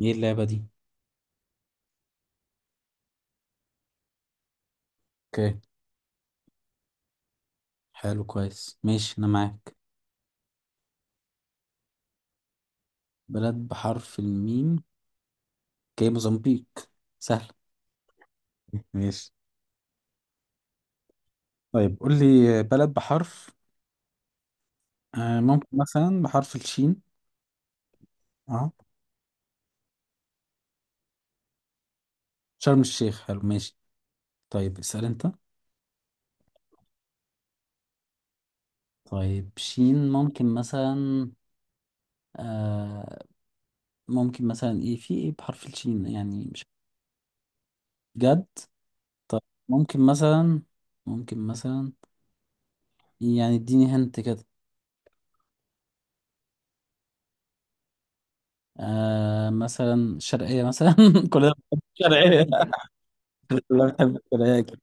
ايه اللعبة دي؟ اوكي. حلو، كويس، ماشي، انا معاك. بلد بحرف الميم. اوكي، موزمبيق. سهل. ماشي. طيب، قول لي بلد بحرف، ممكن مثلا بحرف الشين. اه. شرم الشيخ، حلو، ماشي. طيب، اسأل انت. طيب، شين ممكن مثلا، آه ممكن مثلا، ايه، في ايه بحرف الشين يعني، مش جد؟ ممكن مثلا ممكن مثلا. يعني اديني، هنت كده. مثلا شرقية مثلا. كلنا بنحب الشرقية. كلنا بنحب الشرقية أكيد.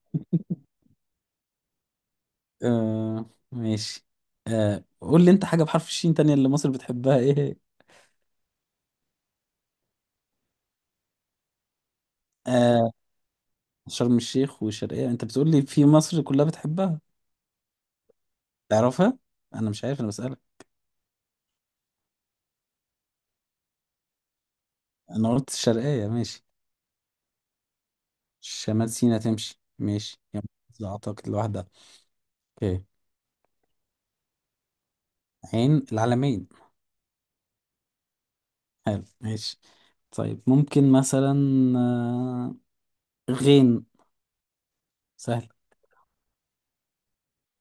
ماشي. قول لي أنت حاجة بحرف الشين تانية، اللي مصر بتحبها، إيه؟ آه شرم الشيخ والشرقية، أنت بتقول لي في مصر كلها بتحبها؟ تعرفها؟ أنا مش عارف، أنا بسألك. أنا قلت الشرقية، ماشي. شمال سيناء تمشي، ماشي يعني. أعتقد لوحدها. أوكي. عين العلمين. حلو، ماشي. طيب، ممكن مثلا، آه غين. سهل.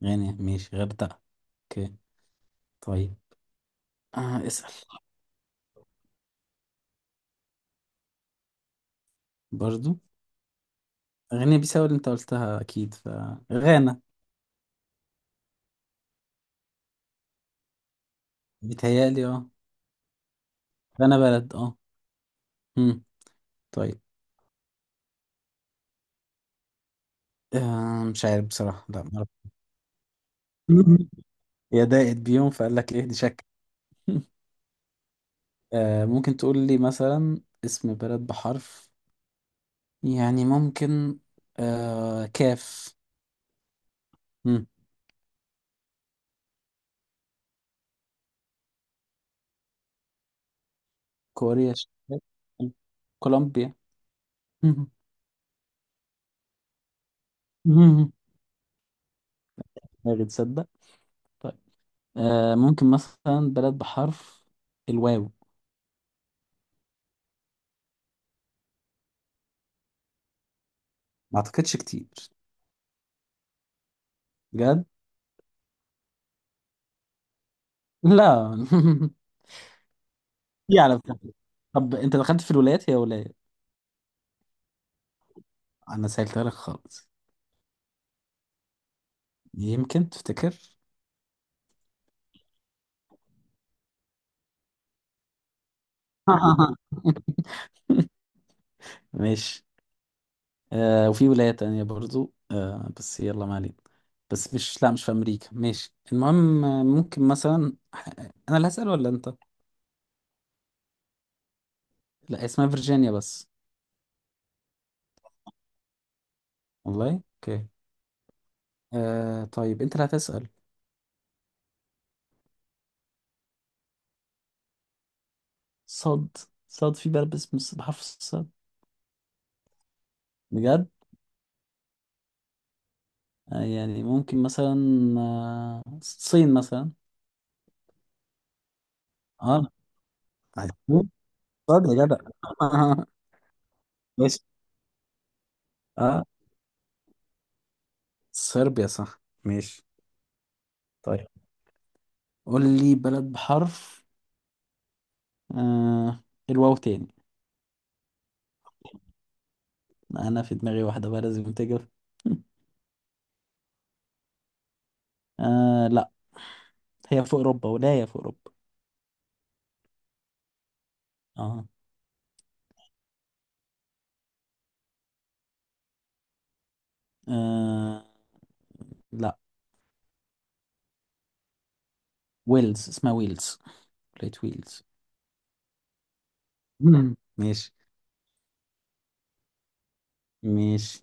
غين، ماشي، غردقة. اوكي. طيب. اسأل. برضو. غينيا بيساو اللي انت قلتها، اكيد غانا. بيتهيألي اه. غانا بلد، اه. امم. طيب. مش عارف بصراحة، لا ما اعرف. يا ضاقت بيهم فقال لك ايه دي شك. ممكن تقول لي مثلا اسم بلد بحرف، يعني ممكن، كاف. مم. كوريا الشمالية. كولومبيا. ما تصدق. طيب، ممكن مثلا بلد بحرف الواو. ما اعتقدش كتير. بجد؟ لا. في على فكرة. طب انت دخلت في الولايات، هي ولاية. انا سهلتها لك خالص. يمكن تفتكر. ماشي. وفي ولاية تانية برضو، بس يلا ما علينا. بس مش، لا مش في امريكا، ماشي، المهم، ممكن مثلا انا اللي هسأل ولا انت؟ لا، اسمها فيرجينيا بس. والله؟ اوكي. طيب انت اللي هتسأل. صاد. صاد، في بلد اسمه بحرف الصاد؟ بجد؟ يعني ممكن مثلا، الصين مثلا. اه. عايزين صاد يا جدع. ماشي. اه. صربيا، صح، ماشي. طيب، قول لي بلد بحرف، آه الواو تاني. انا في دماغي واحدة بقى لازم تجيب. لا، هي في اوروبا، ولاية في اوروبا. اه، آه لا، ويلز، اسمها ويلز، ولاية ويلز. مم. ماشي. ماشي.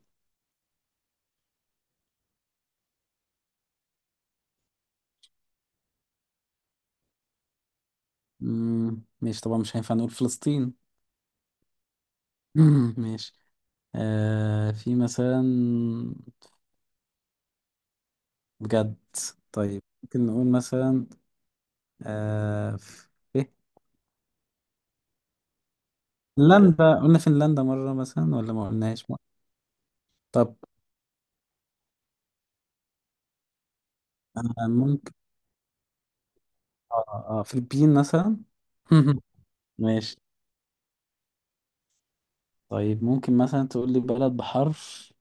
مم. ماشي، طبعا مش هينفع نقول فلسطين. مم. ماشي. في مثلا، بجد، طيب ممكن نقول مثلا، في فنلندا. قلنا فنلندا مرة مثلا ولا ما قلناش مرة؟ طب، آه ممكن، اه اه، فلبين مثلا. ماشي. طيب، ممكن مثلا تقول لي بلد بحرف،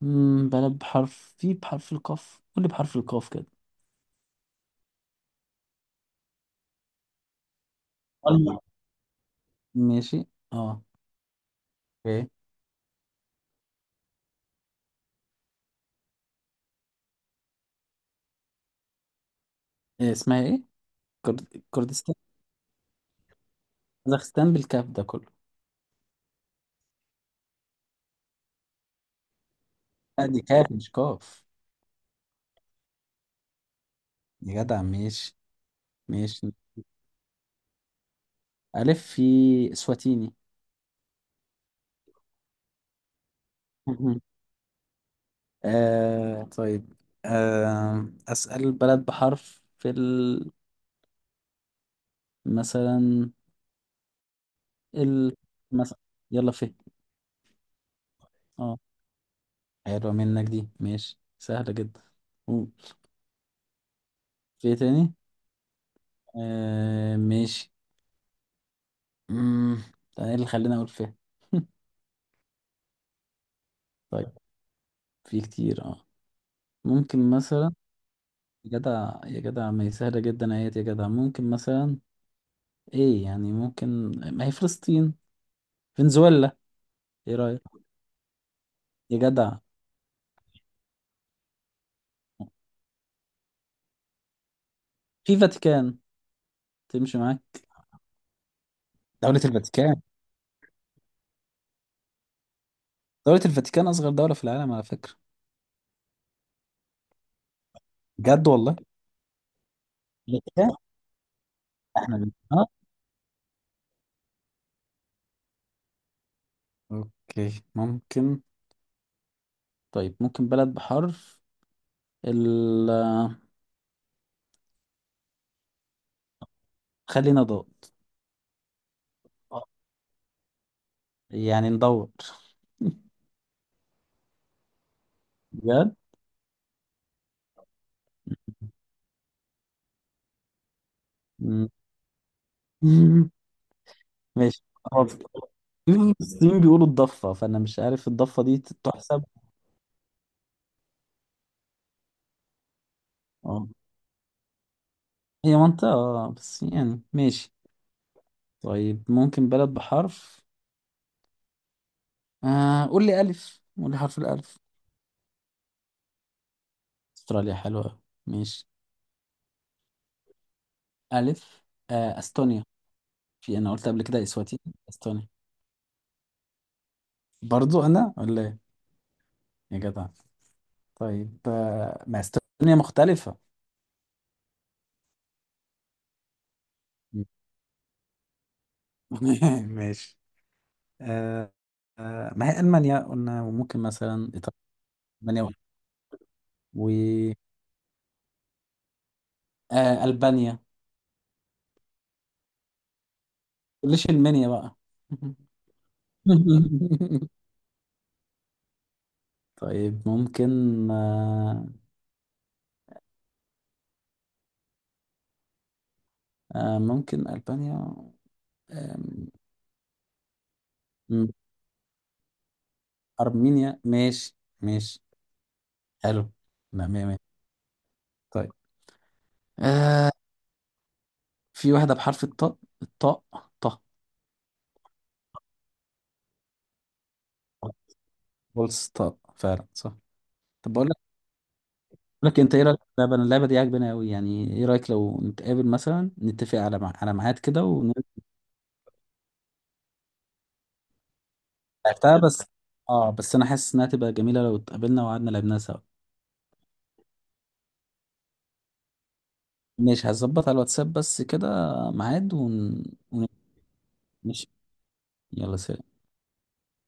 بلد بحرف، في بحرف القاف، قول لي بحرف القاف كده. ألم- ماشي. اه. اوكي. إيه اسمها، ايه؟ كردستان. كازاخستان بالكاف ده كله. لا دي كاف مش قاف. يا جدع ماشي. ماشي. ألف، في إسواتيني. مهم. طيب. أسأل بلد بحرف في مثلا ال مثلا، يلا في، اه. حلوة منك دي، ماشي، سهلة جدا. قول. في إيه تاني؟ ماشي. مم. ده ايه اللي خلاني اقول فيه؟ طيب، في كتير اه. ممكن مثلا، يا جدع يا جدع، ما هي سهلة جدا اهيت يا جدع، ممكن مثلا، ايه يعني ممكن، ما هي فلسطين، فنزويلا. ايه رأيك؟ يا جدع. في فاتيكان، تمشي معاك؟ دولة الفاتيكان. دولة الفاتيكان أصغر دولة في العالم على فكرة. بجد، والله. الفاتيكان. اه. اوكي، ممكن. طيب، ممكن بلد بحرف، ال خلينا ضاد. يعني ندور. بجد. مم. ماشي، خلاص، في المصريين بيقولوا الضفة، فأنا مش عارف الضفة دي تحسب. اه، هي منطقة، بس يعني ماشي. طيب، ممكن بلد بحرف، قول لي ألف، قول لي حرف الألف. استراليا حلوة أوي. ماشي. ألف، أستونيا. في، أنا قلت قبل كده إسواتيني. أستونيا. برضو أنا ولا إيه؟ يا جدع. طيب، ما استونيا مختلفة. ماشي. آه. ما هي ألمانيا قلنا، وممكن مثلا إيطاليا. ألمانيا و- ألبانيا، ما تقوليش المنيا بقى. طيب ممكن. آه. ممكن ألبانيا. آه. أرمينيا، ماشي. ماشي. حلو. لا، مية مية. طيب، آه في واحدة بحرف الطاء. الطاء؟ طه بولس، طاء فعلا، صح. طب بقول لك انت ايه رايك في اللعبه؟ أنا اللعبه دي عاجباني قوي، يعني ايه رايك لو نتقابل مثلا، نتفق على على ميعاد كده ونلعبها. بس، اه بس انا حاسس انها تبقى جميله لو اتقابلنا وقعدنا لعبناها سوا. ماشي، هظبط على الواتساب بس كده، ميعاد ماشي. يلا سلام.